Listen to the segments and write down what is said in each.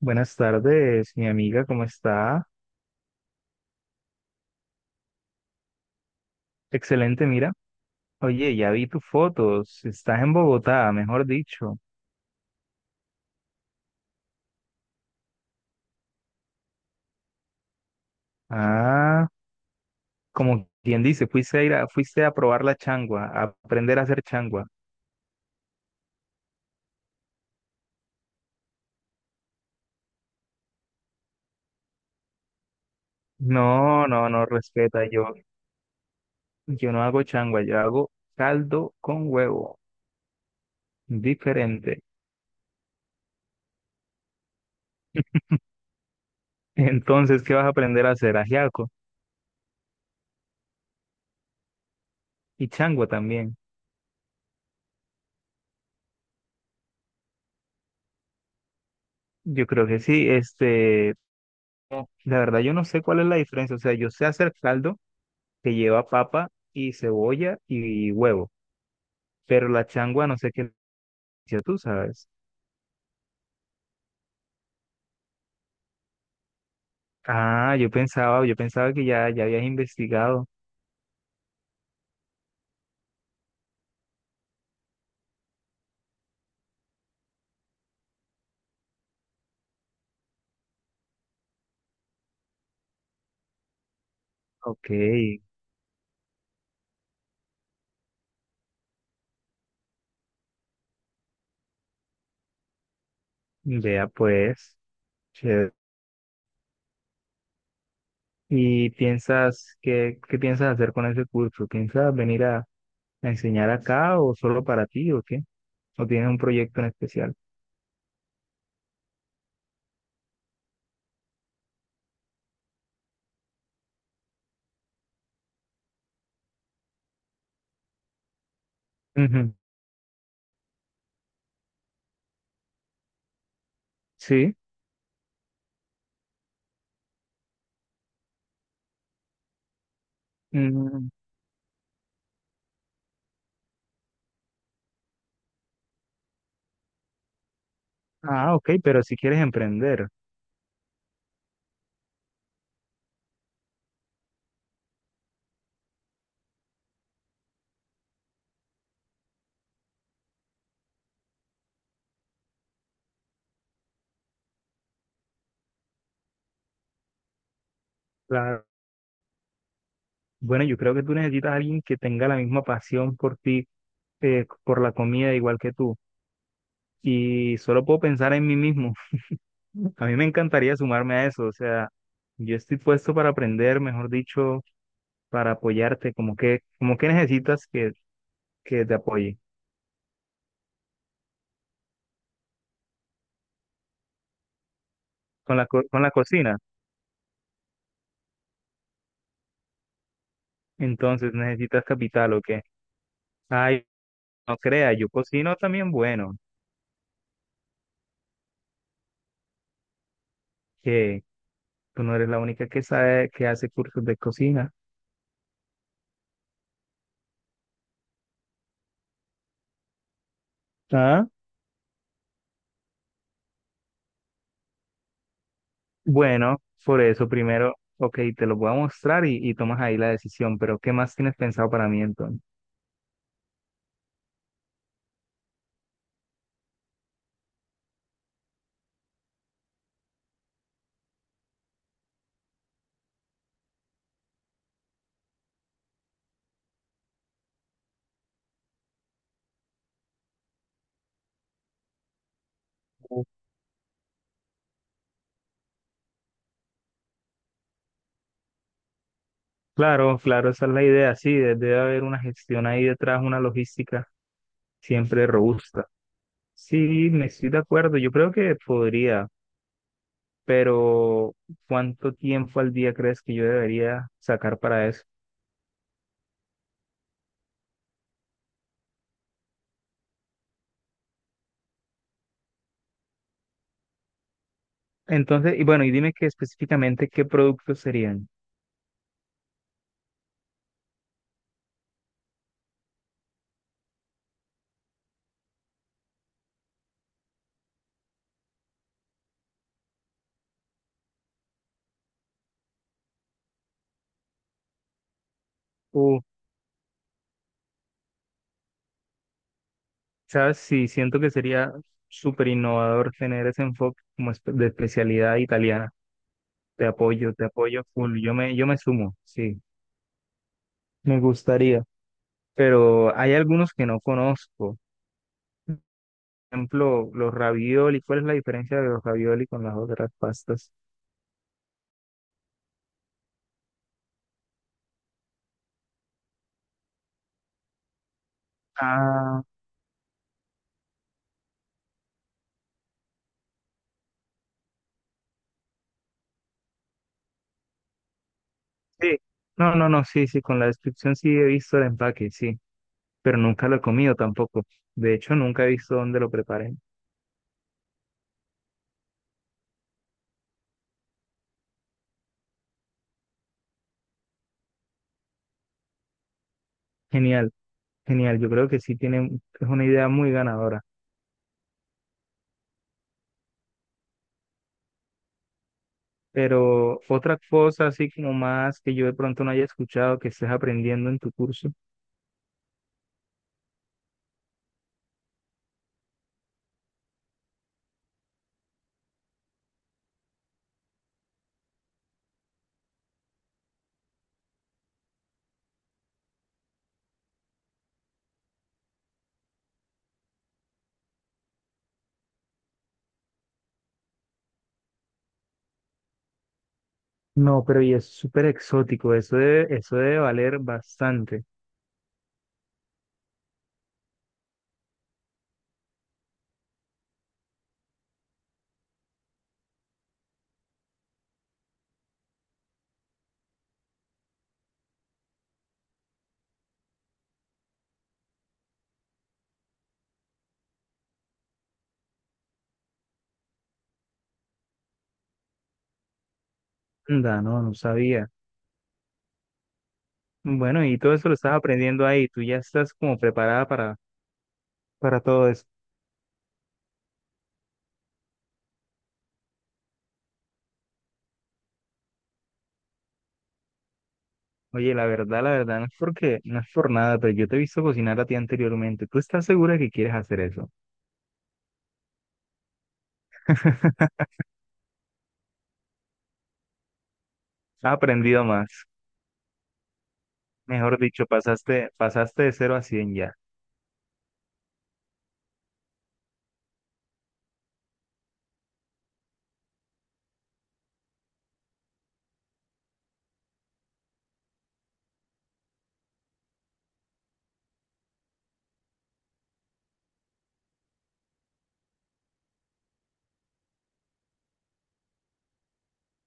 Buenas tardes, mi amiga, ¿cómo está? Excelente, mira. Oye, ya vi tus fotos. Estás en Bogotá, mejor dicho. Ah, como quien dice, fuiste a probar la changua, a aprender a hacer changua. No, no, no, respeta. Yo no hago changua, yo hago caldo con huevo. Diferente. Entonces, ¿qué vas a aprender a hacer? Ajiaco y changua también. Yo creo que sí, no, la verdad yo no sé cuál es la diferencia. O sea, yo sé hacer caldo que lleva papa y cebolla y huevo, pero la changua no sé qué le hiciste tú sabes. Ah, yo pensaba que ya habías investigado. Ok, vea pues. Chévere. ¿Y piensas, qué piensas hacer con ese curso? ¿Piensas venir a enseñar acá o solo para ti o qué? ¿O tienes un proyecto en especial? Ujú. Sí. Mm. Ah, ok, pero si quieres emprender. Claro. Bueno, yo creo que tú necesitas a alguien que tenga la misma pasión por ti, por la comida, igual que tú. Y solo puedo pensar en mí mismo. A mí me encantaría sumarme a eso. O sea, yo estoy puesto para aprender, mejor dicho, para apoyarte. Como que necesitas que te apoye con la cocina. Entonces necesitas capital o qué. Ay, no creas, yo cocino también bueno. Que tú no eres la única que sabe que hace cursos de cocina. ¿Ah? Bueno, por eso primero, ok, te lo voy a mostrar y tomas ahí la decisión, pero ¿qué más tienes pensado para mí entonces? Claro, claro, esa es la idea, sí, debe haber una gestión ahí detrás, una logística siempre robusta. Sí, me estoy de acuerdo, yo creo que podría, pero ¿cuánto tiempo al día crees que yo debería sacar para eso? Entonces, y bueno, y dime que específicamente qué productos serían. ¿Sabes? Sí, siento que sería súper innovador tener ese enfoque como de especialidad italiana. Te apoyo full. Yo me sumo, sí, me gustaría. Pero hay algunos que no conozco. Por ejemplo, los ravioli. ¿Cuál es la diferencia de los ravioli con las otras pastas? Ah, sí. No, no, no, sí, sí, con la descripción sí he visto el empaque, sí. Pero nunca lo he comido tampoco. De hecho, nunca he visto dónde lo preparen. Genial, genial. Yo creo que sí tiene, es una idea muy ganadora. Pero otra cosa así como más que yo de pronto no haya escuchado que estés aprendiendo en tu curso. No, pero y es súper exótico, eso debe valer bastante. Anda, no, no sabía. Bueno, y todo eso lo estás aprendiendo ahí, tú ya estás como preparada para todo eso. Oye, la verdad, no es porque, no es por nada, pero yo te he visto cocinar a ti anteriormente. ¿Tú estás segura que quieres hacer eso? Has aprendido más. Mejor dicho, pasaste de cero a 100 ya.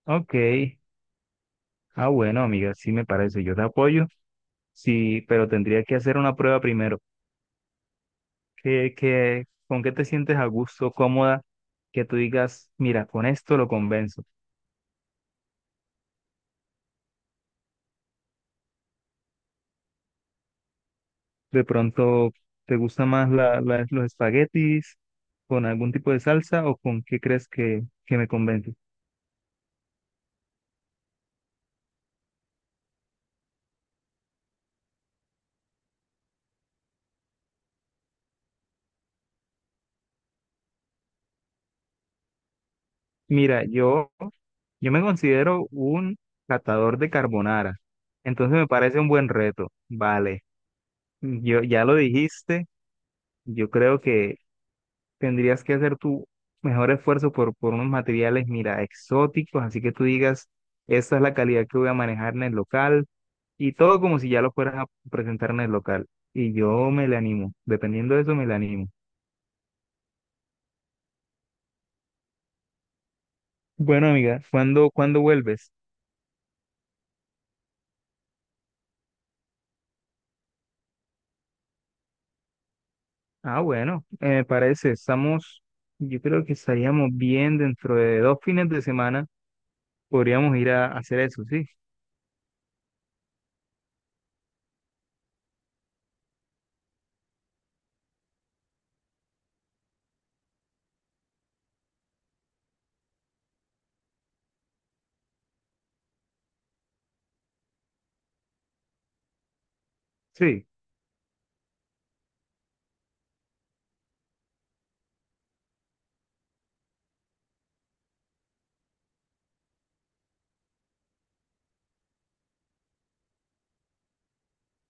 Ok. Ah, bueno, amiga, sí me parece, yo te apoyo, sí, pero tendría que hacer una prueba primero. ¿Con qué te sientes a gusto, cómoda, que tú digas, mira, con esto lo convenzo? De pronto, ¿te gusta más los espaguetis con algún tipo de salsa o con qué crees que, me convence? Mira, yo me considero un catador de carbonara, entonces me parece un buen reto. Vale, yo ya lo dijiste, yo creo que tendrías que hacer tu mejor esfuerzo por unos materiales, mira, exóticos, así que tú digas, esta es la calidad que voy a manejar en el local y todo como si ya lo fueras a presentar en el local. Y yo me le animo, dependiendo de eso me le animo. Bueno, amiga, ¿cuándo vuelves? Ah, bueno, me parece, estamos, yo creo que estaríamos bien dentro de dos fines de semana, podríamos ir a, hacer eso, ¿sí? Sí,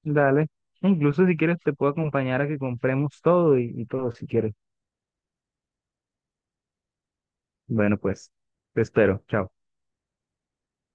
dale. Incluso si quieres te puedo acompañar a que compremos todo y todo si quieres. Bueno, pues te espero. Chao.